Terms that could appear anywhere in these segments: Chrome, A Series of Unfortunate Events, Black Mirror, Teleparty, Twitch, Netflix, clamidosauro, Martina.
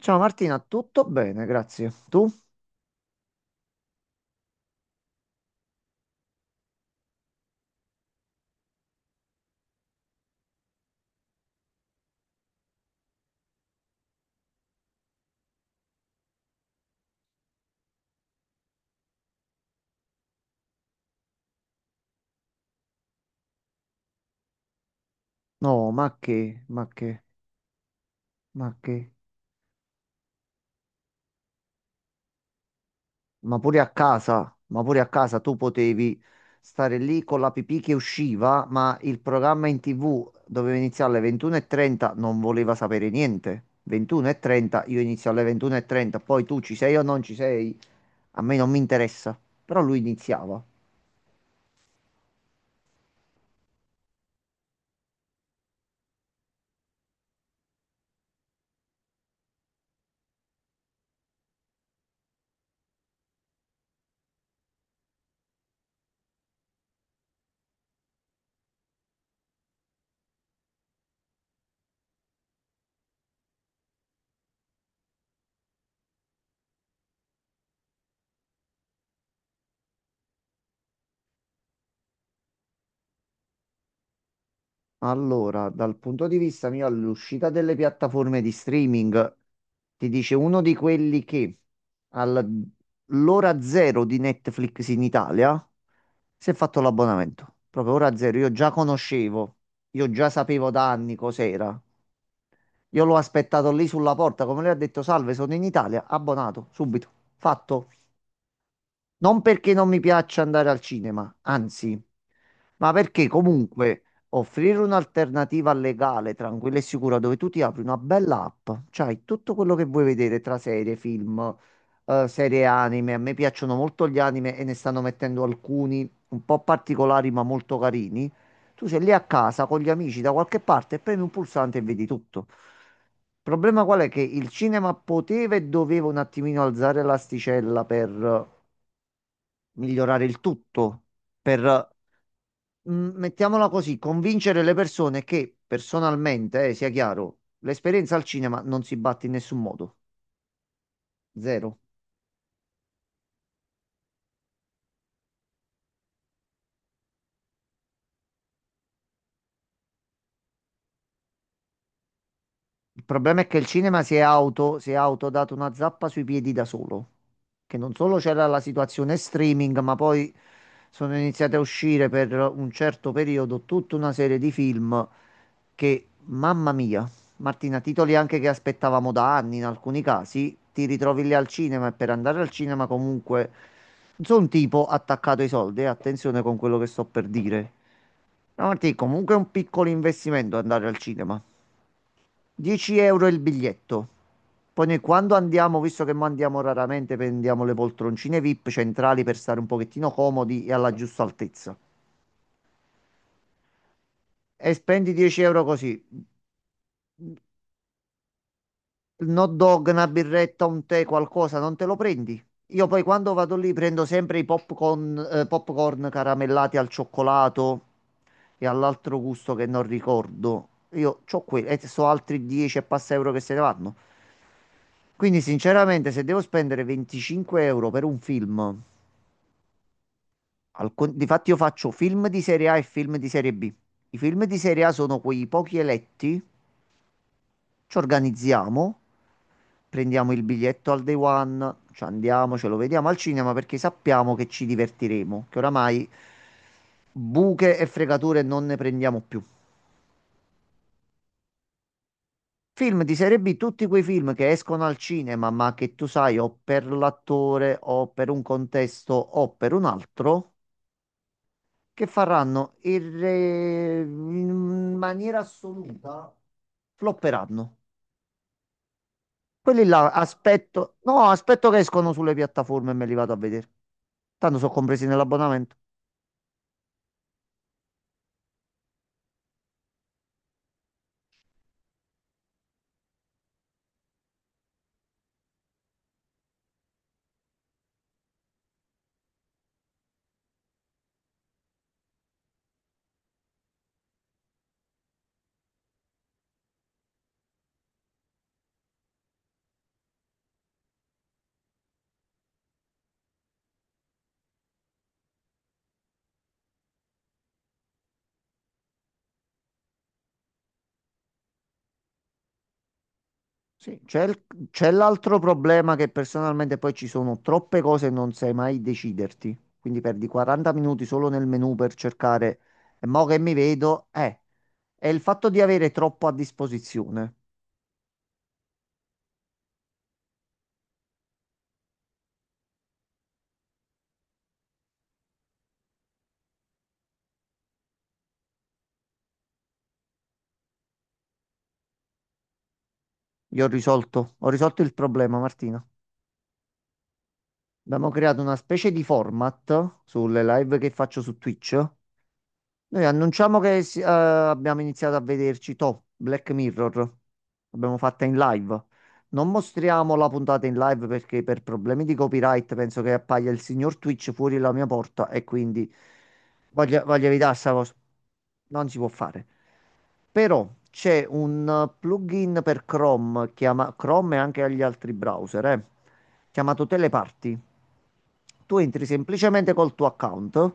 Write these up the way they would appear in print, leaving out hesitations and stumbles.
Ciao Martina, tutto bene, grazie. Tu? No, ma che, ma pure a casa, tu potevi stare lì con la pipì che usciva, ma il programma in TV doveva iniziare alle 21:30, non voleva sapere niente. 21:30, io inizio alle 21:30, poi tu ci sei o non ci sei, a me non mi interessa. Però lui iniziava. Allora, dal punto di vista mio, all'uscita delle piattaforme di streaming, ti dice uno di quelli che all'ora zero di Netflix in Italia si è fatto l'abbonamento. Proprio ora zero. Io già sapevo da anni cos'era. Io l'ho aspettato lì sulla porta, come lui ha detto, salve, sono in Italia, abbonato, subito, fatto. Non perché non mi piaccia andare al cinema, anzi, ma perché comunque offrire un'alternativa legale, tranquilla e sicura, dove tu ti apri una bella app, c'hai tutto quello che vuoi vedere tra serie, film, serie anime. A me piacciono molto gli anime e ne stanno mettendo alcuni un po' particolari ma molto carini. Tu sei lì a casa con gli amici da qualche parte e premi un pulsante e vedi tutto. Il problema qual è? Che il cinema poteva e doveva un attimino alzare l'asticella per migliorare il tutto, per, mettiamola così, convincere le persone che personalmente, sia chiaro, l'esperienza al cinema non si batte in nessun modo, zero. Il problema è che il cinema si è autodato una zappa sui piedi da solo, che non solo c'era la situazione streaming, ma poi sono iniziate a uscire per un certo periodo tutta una serie di film che, mamma mia, Martina, titoli anche che aspettavamo da anni in alcuni casi, ti ritrovi lì al cinema e per andare al cinema comunque non sono un tipo attaccato ai soldi, attenzione con quello che sto per dire. No, Martina, comunque è un piccolo investimento andare al cinema. 10 euro il biglietto. Poi noi quando andiamo, visto che mo andiamo raramente, prendiamo le poltroncine VIP centrali per stare un pochettino comodi e alla giusta altezza. E spendi 10 euro così. Hot dog, una birretta, un tè, qualcosa, non te lo prendi? Io poi quando vado lì prendo sempre i popcorn, popcorn caramellati al cioccolato e all'altro gusto che non ricordo. Io c'ho quelli e so altri 10 e passa euro che se ne vanno. Quindi sinceramente se devo spendere 25 euro per un film, difatti io faccio film di serie A e film di serie B. I film di serie A sono quei pochi eletti, ci organizziamo, prendiamo il biglietto al day one, ci andiamo, ce lo vediamo al cinema perché sappiamo che ci divertiremo, che oramai buche e fregature non ne prendiamo più. Film di serie B, tutti quei film che escono al cinema, ma che tu sai o per l'attore o per un contesto o per un altro, che faranno in maniera assoluta, flopperanno. Quelli là aspetto, no, aspetto che escono sulle piattaforme e me li vado a vedere. Tanto sono compresi nell'abbonamento. Sì, c'è l'altro problema che personalmente poi ci sono troppe cose e non sai mai deciderti. Quindi perdi 40 minuti solo nel menu per cercare. E mo che mi vedo, è il fatto di avere troppo a disposizione. Io ho risolto il problema, Martina. Abbiamo creato una specie di format sulle live che faccio su Twitch. Noi annunciamo abbiamo iniziato a vederci Top Black Mirror. L'abbiamo fatta in live. Non mostriamo la puntata in live perché per problemi di copyright penso che appaia il signor Twitch fuori la mia porta e quindi voglio evitare sta cosa. Non si può fare. Però c'è un plugin per Chrome, chiama Chrome e anche agli altri browser, chiamato Teleparty. Tu entri semplicemente col tuo account,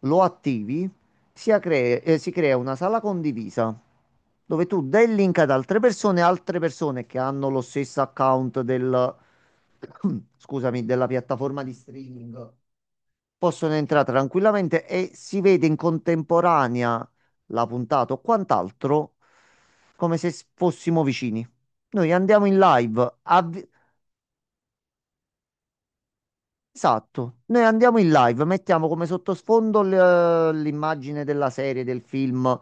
lo attivi, si crea una sala condivisa dove tu dai il link ad altre persone che hanno lo stesso account del, scusami, della piattaforma di streaming, possono entrare tranquillamente e si vede in contemporanea la puntata o quant'altro come se s- fossimo vicini. Noi andiamo in live, esatto, noi andiamo in live, mettiamo come sottosfondo l'immagine della serie, del film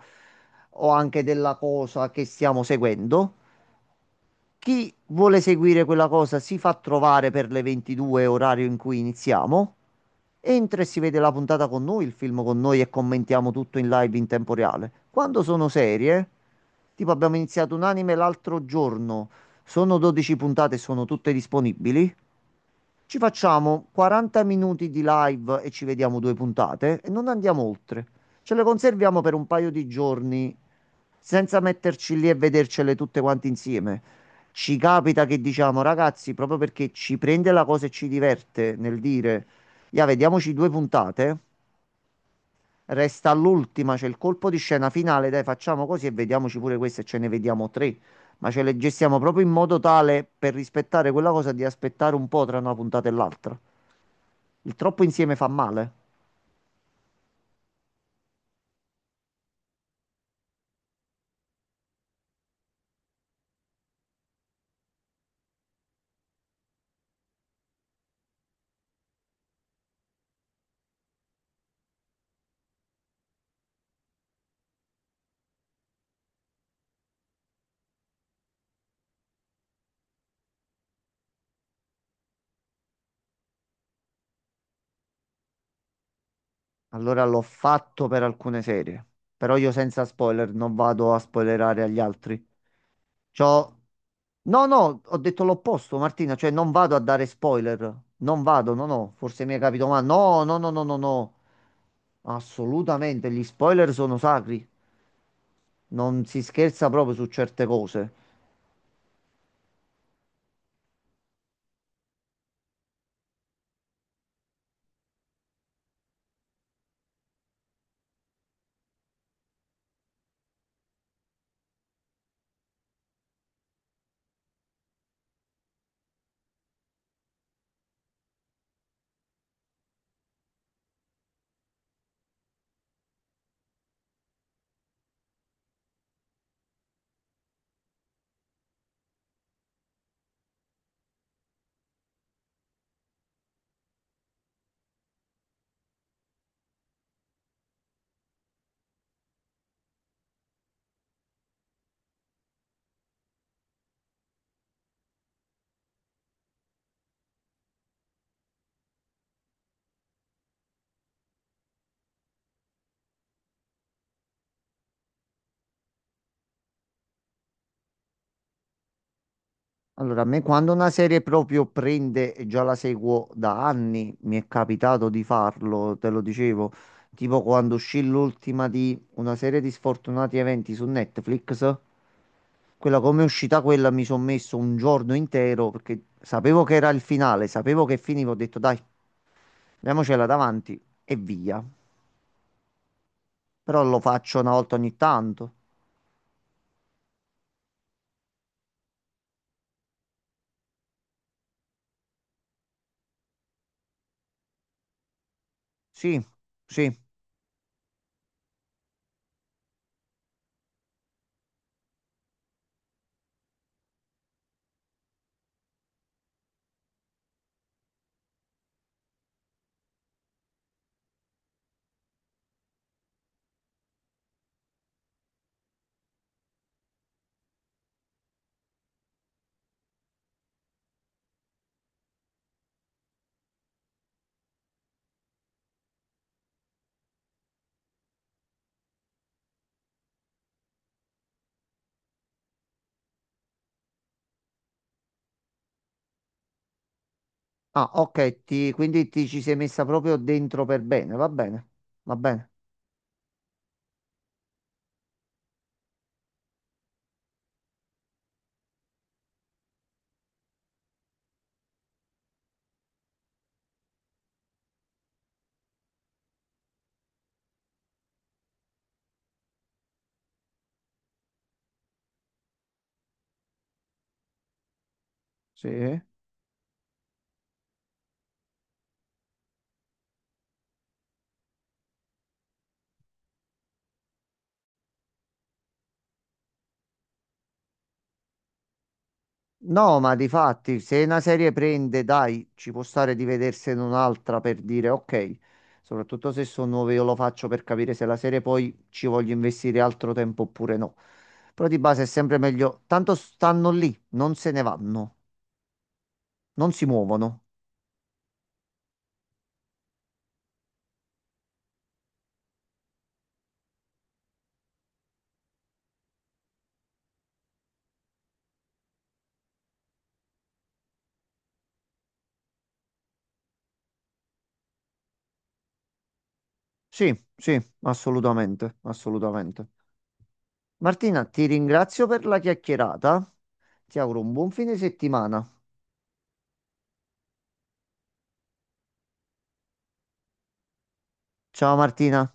o anche della cosa che stiamo seguendo. Chi vuole seguire quella cosa si fa trovare per le 22, orario in cui iniziamo, entra e si vede la puntata con noi, il film con noi e commentiamo tutto in live in tempo reale. Quando sono serie, tipo abbiamo iniziato un anime l'altro giorno, sono 12 puntate e sono tutte disponibili. Ci facciamo 40 minuti di live e ci vediamo due puntate e non andiamo oltre. Ce le conserviamo per un paio di giorni senza metterci lì e vedercele tutte quante insieme. Ci capita che diciamo, ragazzi, proprio perché ci prende la cosa e ci diverte nel dire, ya, vediamoci due puntate. Resta all'ultima, c'è il colpo di scena finale, dai, facciamo così e vediamoci pure queste, ce ne vediamo tre. Ma ce le gestiamo proprio in modo tale per rispettare quella cosa di aspettare un po' tra una puntata e l'altra. Il troppo insieme fa male. Allora l'ho fatto per alcune serie. Però io senza spoiler non vado a spoilerare agli altri. C'ho... No, no, ho detto l'opposto, Martina, cioè non vado a dare spoiler. Non vado, no, no, forse mi hai capito male. No, no, no, no, no, no. Assolutamente, gli spoiler sono sacri. Non si scherza proprio su certe cose. Allora, a me quando una serie proprio prende e già la seguo da anni, mi è capitato di farlo, te lo dicevo, tipo quando uscì l'ultima di una serie di sfortunati eventi su Netflix, quella come è uscita quella mi sono messo un giorno intero perché sapevo che era il finale, sapevo che finiva, ho detto dai, andiamocela davanti e via. Però lo faccio una volta ogni tanto. Sì, sì. Ah, ok, quindi ti ci sei messa proprio dentro per bene, va bene, va bene. Sì. No, ma di fatti, se una serie prende, dai, ci può stare di vedersene un'altra per dire ok, soprattutto se sono nuove, io lo faccio per capire se la serie poi ci voglio investire altro tempo oppure no. Però di base è sempre meglio, tanto stanno lì, non se ne vanno, non si muovono. Sì, sì, assolutamente, assolutamente. Martina, ti ringrazio per la chiacchierata. Ti auguro un buon fine settimana. Ciao Martina.